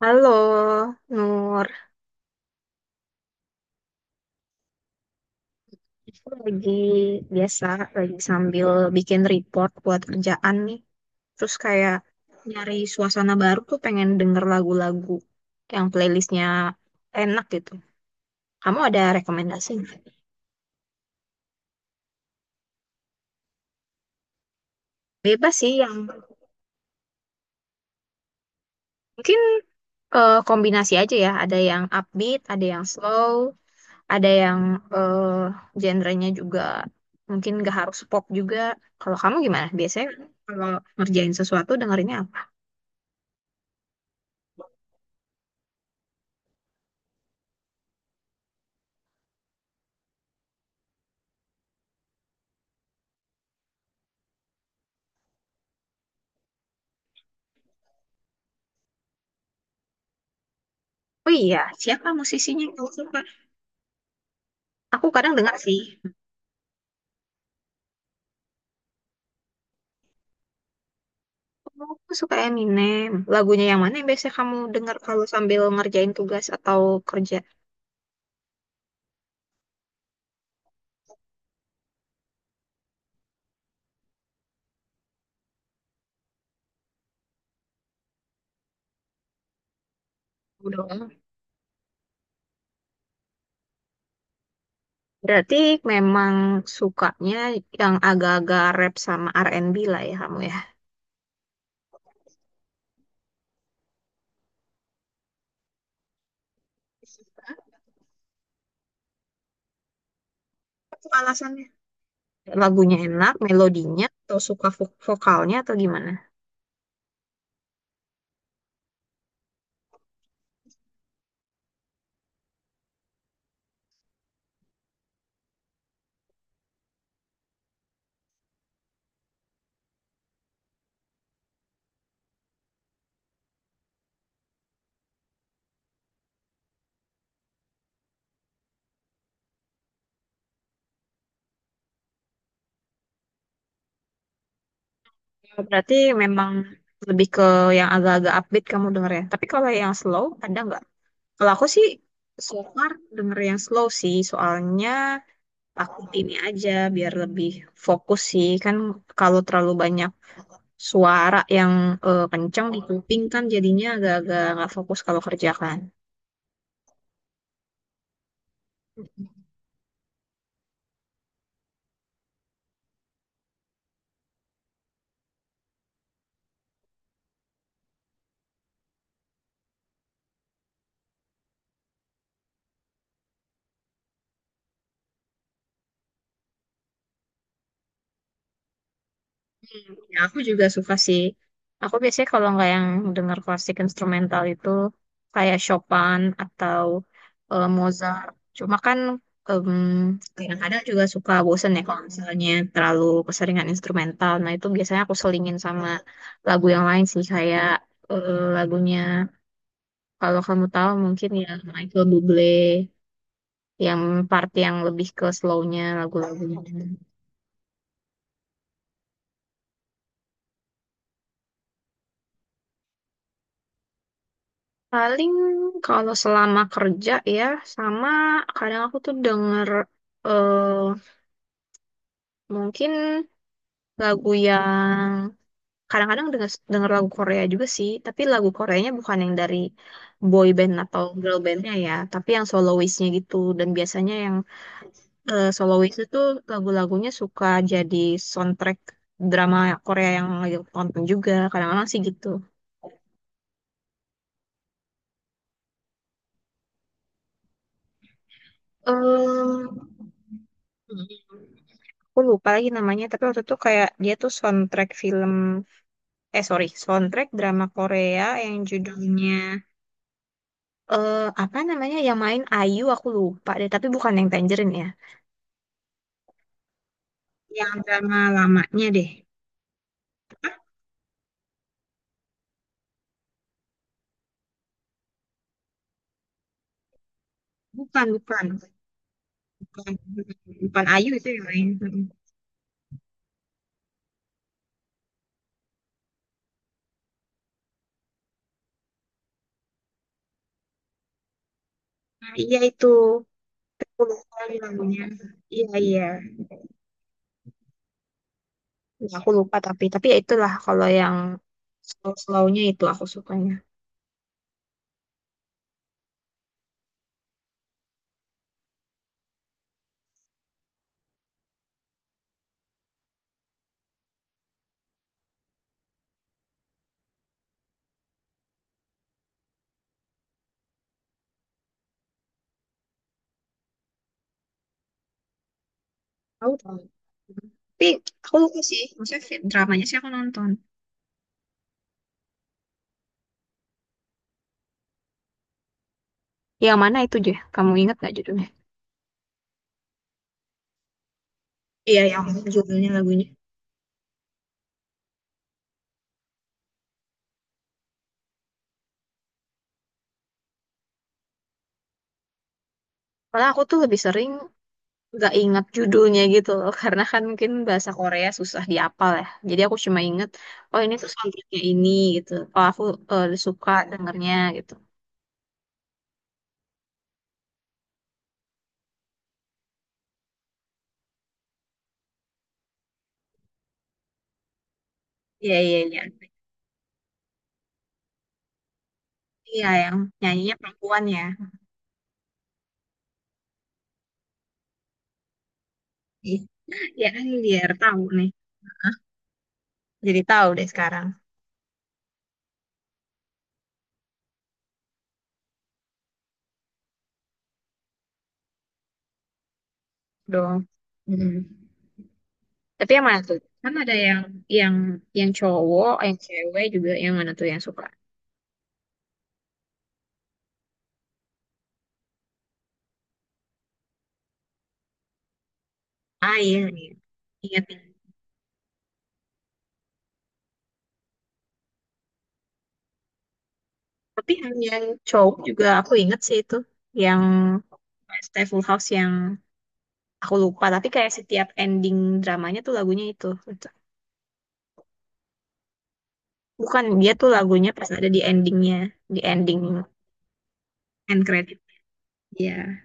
Halo, Nur. Aku lagi biasa, lagi sambil bikin report buat kerjaan nih. Terus kayak nyari suasana baru tuh pengen denger lagu-lagu yang playlistnya enak gitu. Kamu ada rekomendasi nggak? Bebas sih yang mungkin kombinasi aja ya. Ada yang upbeat, ada yang slow, ada yang eh genrenya juga mungkin nggak harus pop juga. Kalau kamu gimana? Biasanya kalau ngerjain sesuatu dengerinnya apa? Oh iya, siapa musisinya yang kamu suka? Aku kadang dengar sih. Oh, aku suka Eminem. Lagunya yang mana yang biasanya kamu dengar kalau sambil ngerjain tugas atau kerja? Udah. Berarti memang sukanya yang agak-agak rap sama R&B lah ya kamu ya. Apa tuh alasannya? Lagunya enak, melodinya, atau suka vokalnya atau gimana? Ya, berarti memang lebih ke yang agak-agak upbeat kamu denger ya. Tapi kalau yang slow, ada nggak? Kalau aku sih so far denger yang slow sih, soalnya takut ini aja biar lebih fokus sih. Kan kalau terlalu banyak suara yang kenceng di kuping kan jadinya agak-agak nggak fokus kalau kerja kan. Ya, aku juga suka sih. Aku biasanya kalau nggak yang dengar klasik instrumental itu kayak Chopin atau Mozart. Cuma kan em, kadang-kadang juga suka bosen ya kalau misalnya terlalu keseringan instrumental. Nah itu biasanya aku selingin sama lagu yang lain sih kayak lagunya kalau kamu tahu mungkin ya Michael Bublé yang part yang lebih ke slownya lagu-lagunya. Paling kalau selama kerja ya, sama kadang aku tuh denger eh mungkin lagu yang kadang-kadang denger lagu Korea juga sih, tapi lagu Koreanya bukan yang dari boy band atau girl bandnya ya, tapi yang soloistnya gitu. Dan biasanya yang soloist itu lagu-lagunya suka jadi soundtrack drama Korea yang lagi aku tonton juga, kadang-kadang sih gitu. eh Aku lupa lagi namanya, tapi waktu itu kayak dia tuh soundtrack film, eh sorry, soundtrack drama Korea yang judulnya, eh apa namanya, yang main Ayu aku lupa deh, tapi bukan yang Tangerine ya. Yang drama lamanya deh. Bukan, bukan, bukan, bukan, Ayu itu yang main. Nah, iya itu, aku lupa lagi namanya. Iya, iya. Ya, aku lupa tapi, ya itulah kalau yang slow-slownya itu aku sukanya. Tahu tahu. Tapi aku lupa sih, maksudnya dramanya sih aku nonton. Yang mana itu, Je? Kamu ingat gak judulnya? Iya, yang judulnya lagunya. Malah aku tuh lebih sering gak ingat judulnya gitu loh, karena kan mungkin bahasa Korea susah dihafal ya. Jadi aku cuma inget, oh ini tuh soundtracknya ini gitu. Oh aku suka dengernya gitu. Iya, iya, iya. Iya, yang nyanyinya perempuan ya. Iya, iya kan biar tahu nih. Jadi tahu deh sekarang dong. Mm. Tapi yang mana tuh? Kan ada yang yang yang cowok, yang cewek juga yang mana tuh yang suka? Ah iya, iya. Ingat, ingat. Tapi yang, cowok juga aku inget sih itu. Yang Stay Full House yang aku lupa. Tapi kayak setiap ending dramanya tuh lagunya itu. Bukan, dia tuh lagunya pas ada di endingnya. Di ending end credit. Iya.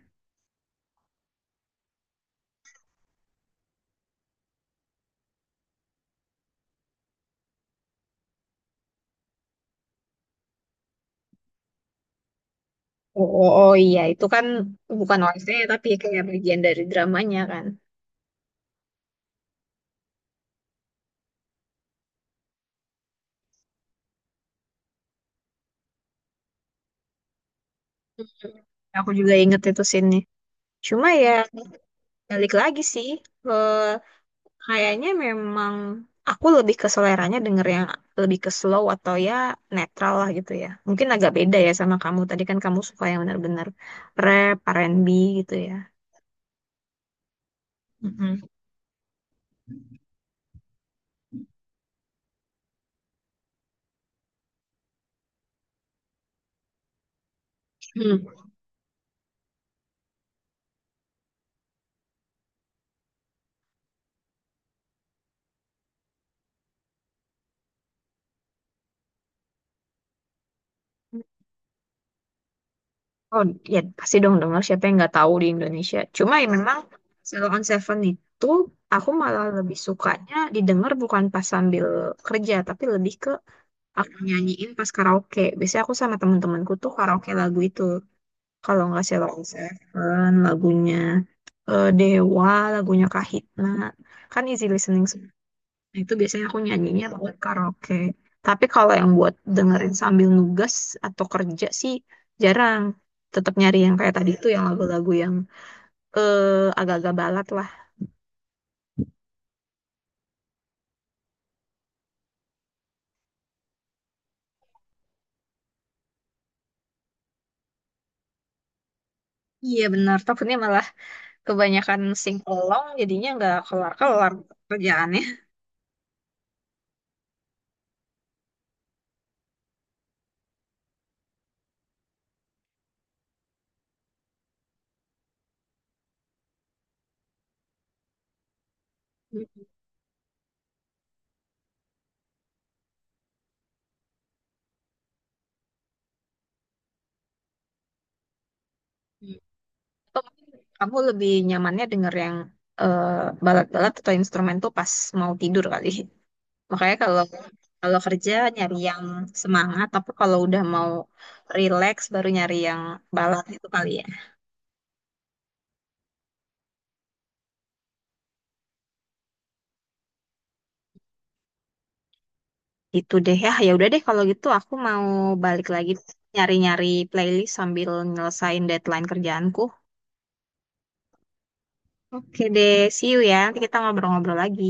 Oh, oh, oh, iya, itu kan bukan OST tapi kayak bagian dari dramanya kan. Aku juga inget itu scene-nya. Cuma ya balik lagi sih. Kayaknya memang aku lebih ke seleranya denger yang lebih ke slow atau ya netral lah gitu ya. Mungkin agak beda ya sama kamu. Tadi kan kamu suka yang benar-benar rap, R&B gitu ya. Mm-mm. Hmm. Oh ya pasti dong denger siapa yang nggak tahu di Indonesia. Cuma ya memang Zero on Seven itu aku malah lebih sukanya didengar bukan pas sambil kerja tapi lebih ke aku nyanyiin pas karaoke. Biasanya aku sama temen-temenku tuh karaoke lagu itu. Kalau nggak Sheila on Seven, lagunya Dewa, lagunya Kahitna. Kan easy listening semua. Nah, itu biasanya aku nyanyinya buat karaoke. Tapi kalau yang buat dengerin sambil nugas atau kerja sih jarang. Tetap nyari yang kayak tadi itu yang lagu-lagu yang agak-agak balad lah. Iya benar, takutnya malah kebanyakan sing along jadinya nggak kelar-kelar kerjaannya. Atau aku lebih nyamannya denger yang balat-balat atau instrumen tuh pas mau tidur kali. Makanya kalau kalau kerja nyari yang semangat, tapi kalau udah mau relax baru nyari yang balat itu kali ya. Itu deh ya. Ya udah deh kalau gitu aku mau balik lagi nyari-nyari playlist sambil nyelesain deadline kerjaanku. Oke deh, see you ya. Nanti kita ngobrol-ngobrol lagi.